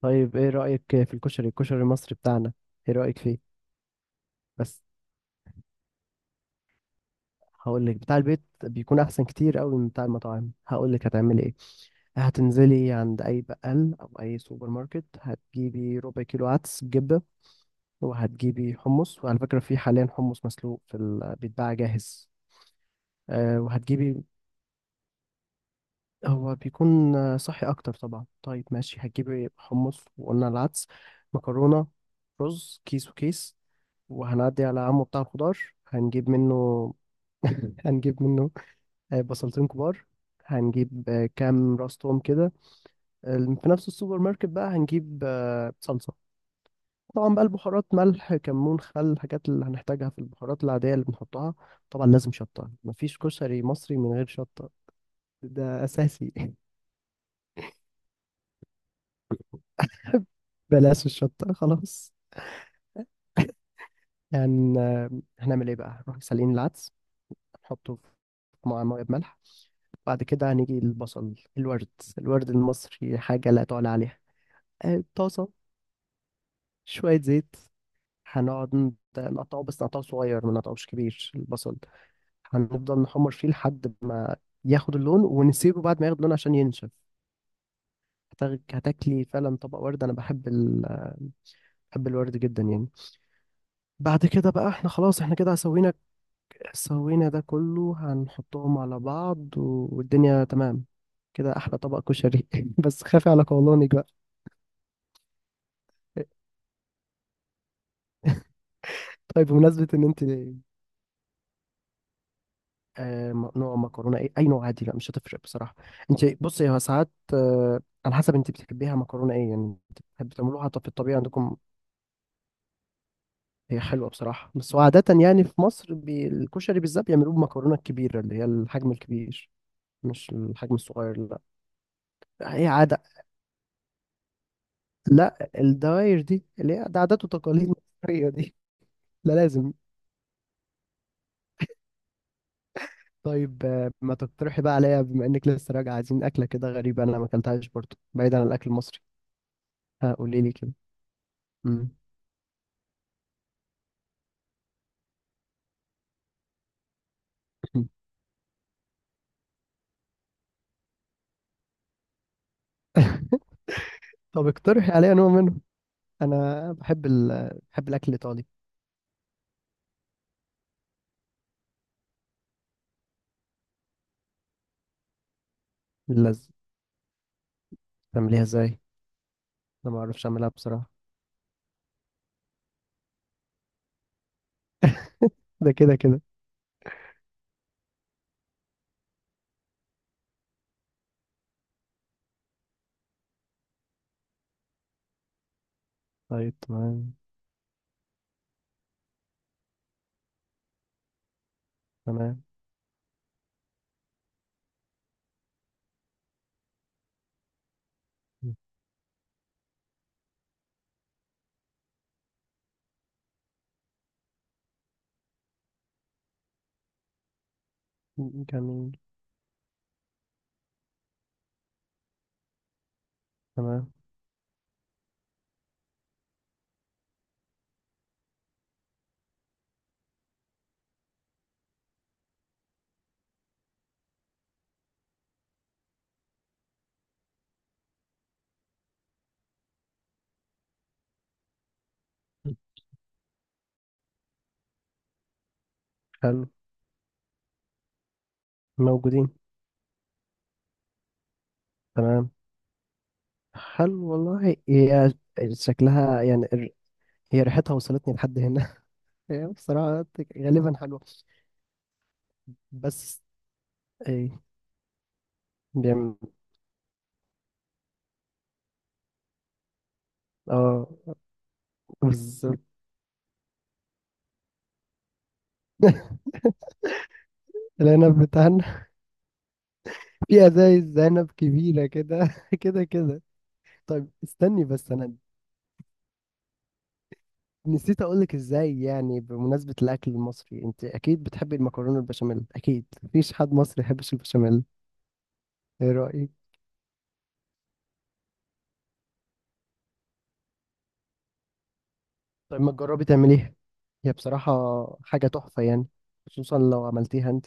طيب، ايه رأيك في الكشري المصري بتاعنا؟ ايه رأيك فيه؟ بس هقول لك، بتاع البيت بيكون احسن كتير قوي من بتاع المطاعم. هقول لك هتعملي ايه. هتنزلي عند اي بقال او اي سوبر ماركت، هتجيبي ربع كيلو عدس بجبة، وهتجيبي حمص. وعلى فكرة، في حاليا حمص مسلوق بيتباع جاهز. وهتجيبي. هو بيكون صحي اكتر طبعا. طيب، ماشي. هتجيبي حمص، وقلنا العدس، مكرونة، رز، كيس وكيس. وهنعدي على عمو بتاع الخضار هنجيب منه. هنجيب منه بصلتين كبار. هنجيب كام راس توم كده. آه، في نفس السوبر ماركت بقى هنجيب صلصة. طبعا بقى البهارات، ملح، كمون، خل، الحاجات اللي هنحتاجها في البهارات العادية اللي بنحطها. طبعا لازم شطة، مفيش كشري مصري من غير شطة. ده أساسي. بلاش الشطة خلاص. يعني، هنعمل ايه بقى؟ نروح سالقين العدس، نحطه في مع ميه بملح. بعد كده هنيجي البصل الورد. الورد المصري حاجة لا تعلى عليها. طاسة، شوية زيت. هنقعد نقطعه، بس نقطعه صغير، ما نقطعوش كبير البصل. هنفضل نحمر فيه لحد ما ياخد اللون، ونسيبه بعد ما ياخد اللون عشان ينشف. هتاكلي فعلا طبق ورد. بحب الورد جدا يعني. بعد كده بقى احنا خلاص، احنا كده سوينا. سوينا ده كله، هنحطهم على بعض والدنيا تمام. كده احلى طبق كشري. بس خافي على قولونك بقى. طيب، بمناسبة إن أنت، نوع مكرونة إيه؟ أي نوع عادي، لا مش هتفرق بصراحة. أنت بصي، هو ساعات على حسب أنت بتحبيها مكرونة إيه يعني. أنت بتحبي تعملوها طب في الطبيعة عندكم؟ هي حلوة بصراحة، بس هو عادة يعني في مصر الكشري بالذات بيعملوه بمكرونة الكبيرة، اللي هي الحجم الكبير، مش الحجم الصغير لا. هي عادة. لا، الدواير دي اللي هي ده عادات وتقاليد مصرية دي. لا لازم. طيب، ما تقترحي بقى عليا، بما إنك لسه راجعة، عايزين أكلة كده غريبة، أنا ما أكلتهاش برضه، بعيد عن الأكل المصري. ها، قولي لي كده. مم. طب اقترحي عليا نوع منه. انا بحب ال... بحب الاكل الايطالي. اللذ، تعمليها ازاي؟ انا ما اعرفش اعملها بصراحه. ده كده كده. طيب، تمام. تمام. جميل. تمام. حلو. موجودين. تمام. حلو والله. هي شكلها يعني هي ريحتها وصلتني لحد هنا. هي بصراحه غالبا حلوه. بس ايه؟ بيعمل. اه، بالظبط. العنب بتاعنا. في ازايز ذنب كبيرة كده. كده كده. طيب، استني بس، انا نسيت اقولك ازاي، يعني بمناسبة الاكل المصري، انت اكيد بتحبي المكرونة البشاميل، اكيد مفيش حد مصري يحبش البشاميل. ايه رأيك؟ طيب، ما تجربي تعمليها. هي بصراحة حاجة تحفة يعني، خصوصا لو عملتيها انت.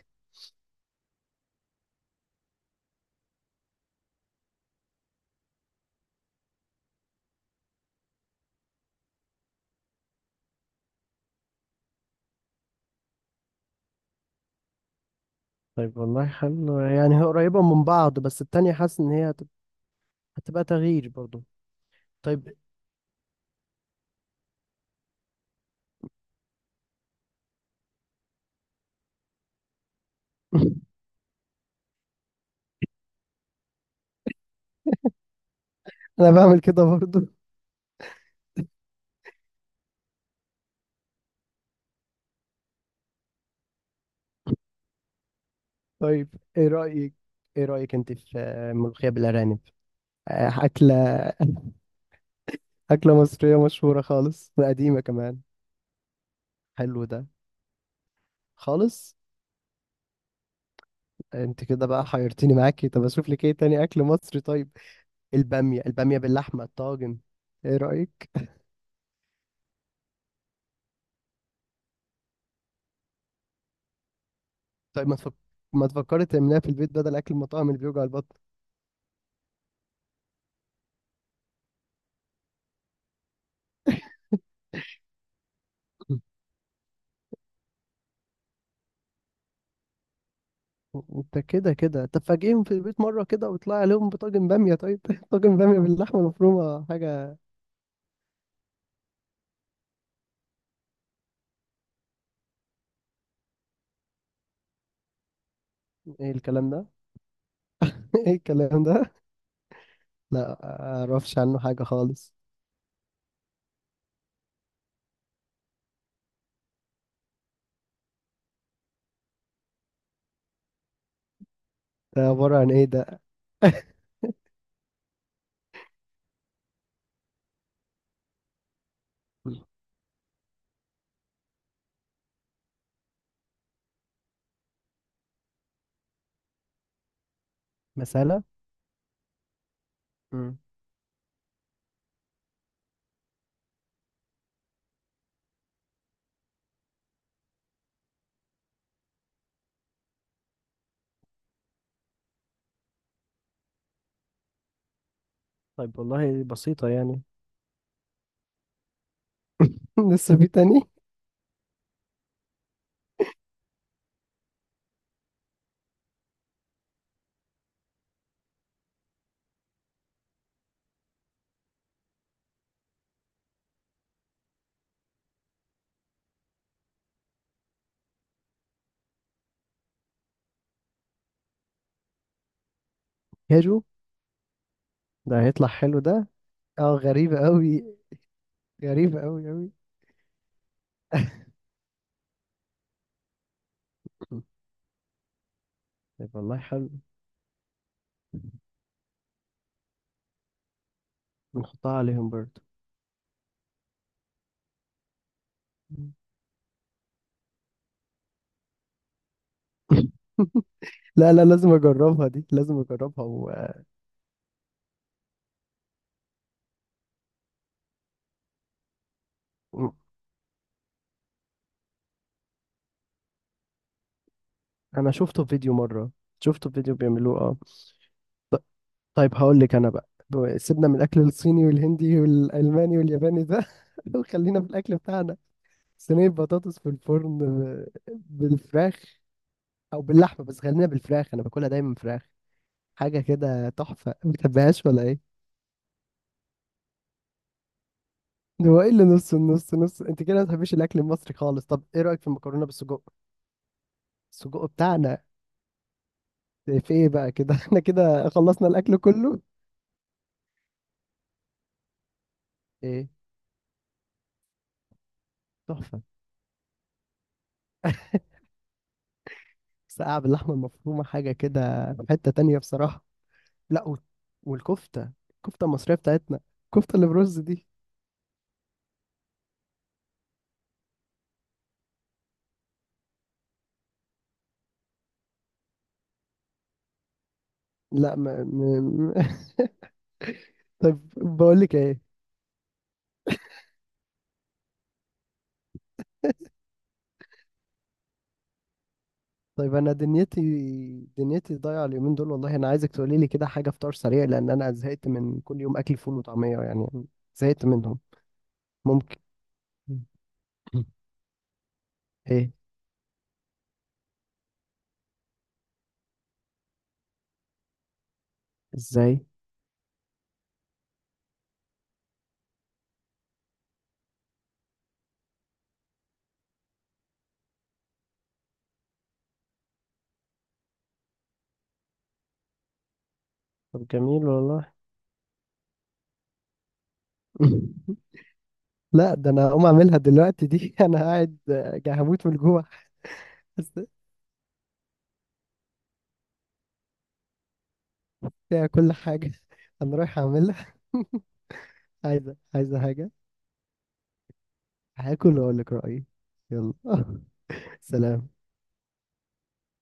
طيب والله حلو يعني، هي قريبة من بعض، بس التانية حاسس ان هي هتبقى تغيير برضو. طيب. انا بعمل كده برضو. طيب، ايه رأيك؟ ايه رأيك انت في ملوخية بالارانب؟ أكلة أكلة مصرية مشهورة خالص، وقديمة كمان. حلو ده، خالص. انت كده بقى حيرتيني معاكي. طب اشوف لك ايه تاني اكل مصري. طيب، البامية باللحمة، الطاجن. ايه رأيك؟ طيب، ما تفكري تعمليها في البيت، بدل اكل المطاعم اللي بيوجع البطن. انت كده كده، طب فاجئهم في البيت مرة كده، وطلع عليهم بطاجن بامية طيب. طاجن بامية باللحمة المفرومة، حاجة. ايه الكلام ده؟ ايه الكلام ده؟ لا اعرفش عنه حاجة خالص. ده عبارة عن ايه ده؟ مثلا. مم. طيب والله بسيطة يعني. لسه في تاني؟ كاجو. ده هيطلع حلو ده. اه، غريبة أوي. غريبة أوي أوي. مم. طيب والله حلو. نحطها عليهم برضه. مم. لا لا، لازم أجربها دي، لازم أجربها مم. أنا شفته في فيديو مرة. شفته في فيديو بيعملوه، اه. طيب هقول لك أنا بقى، سيبنا من الأكل الصيني والهندي والألماني والياباني ده. وخلينا في الأكل بتاعنا. صينية بطاطس في الفرن بالفراخ، أو باللحمة، بس خلينا بالفراخ، أنا باكلها دايما فراخ. حاجة كده تحفة، ما بتحبهاش ولا ايه؟ هو ايه اللي نص النص نص؟ انت كده ما بتحبيش الاكل المصري خالص. طب ايه رأيك في المكرونة بالسجق؟ السجق بتاعنا. في ايه بقى كده؟ احنا كده خلصنا الاكل كله. ايه، تحفة. ساقعة باللحمة المفرومة، حاجة كده، في حتة تانية بصراحة. لا، والكفتة المصرية بتاعتنا، الكفتة اللي برز دي. لا طب بقول لك ايه. طيب انا دنيتي دنيتي ضايعه اليومين دول والله، انا عايزك تقولي لي كده حاجه فطار سريع، لان انا زهقت من كل يوم اكل فول وطعميه يعني، زهقت منهم. ممكن؟ ايه؟ ازاي؟ طب جميل والله. لا ده انا هقوم اعملها دلوقتي دي. انا قاعد هموت من الجوع. بس فيها كل حاجه. انا رايح اعملها. عايزه حاجه؟ هاكل واقول لك رايي. يلا. سلام.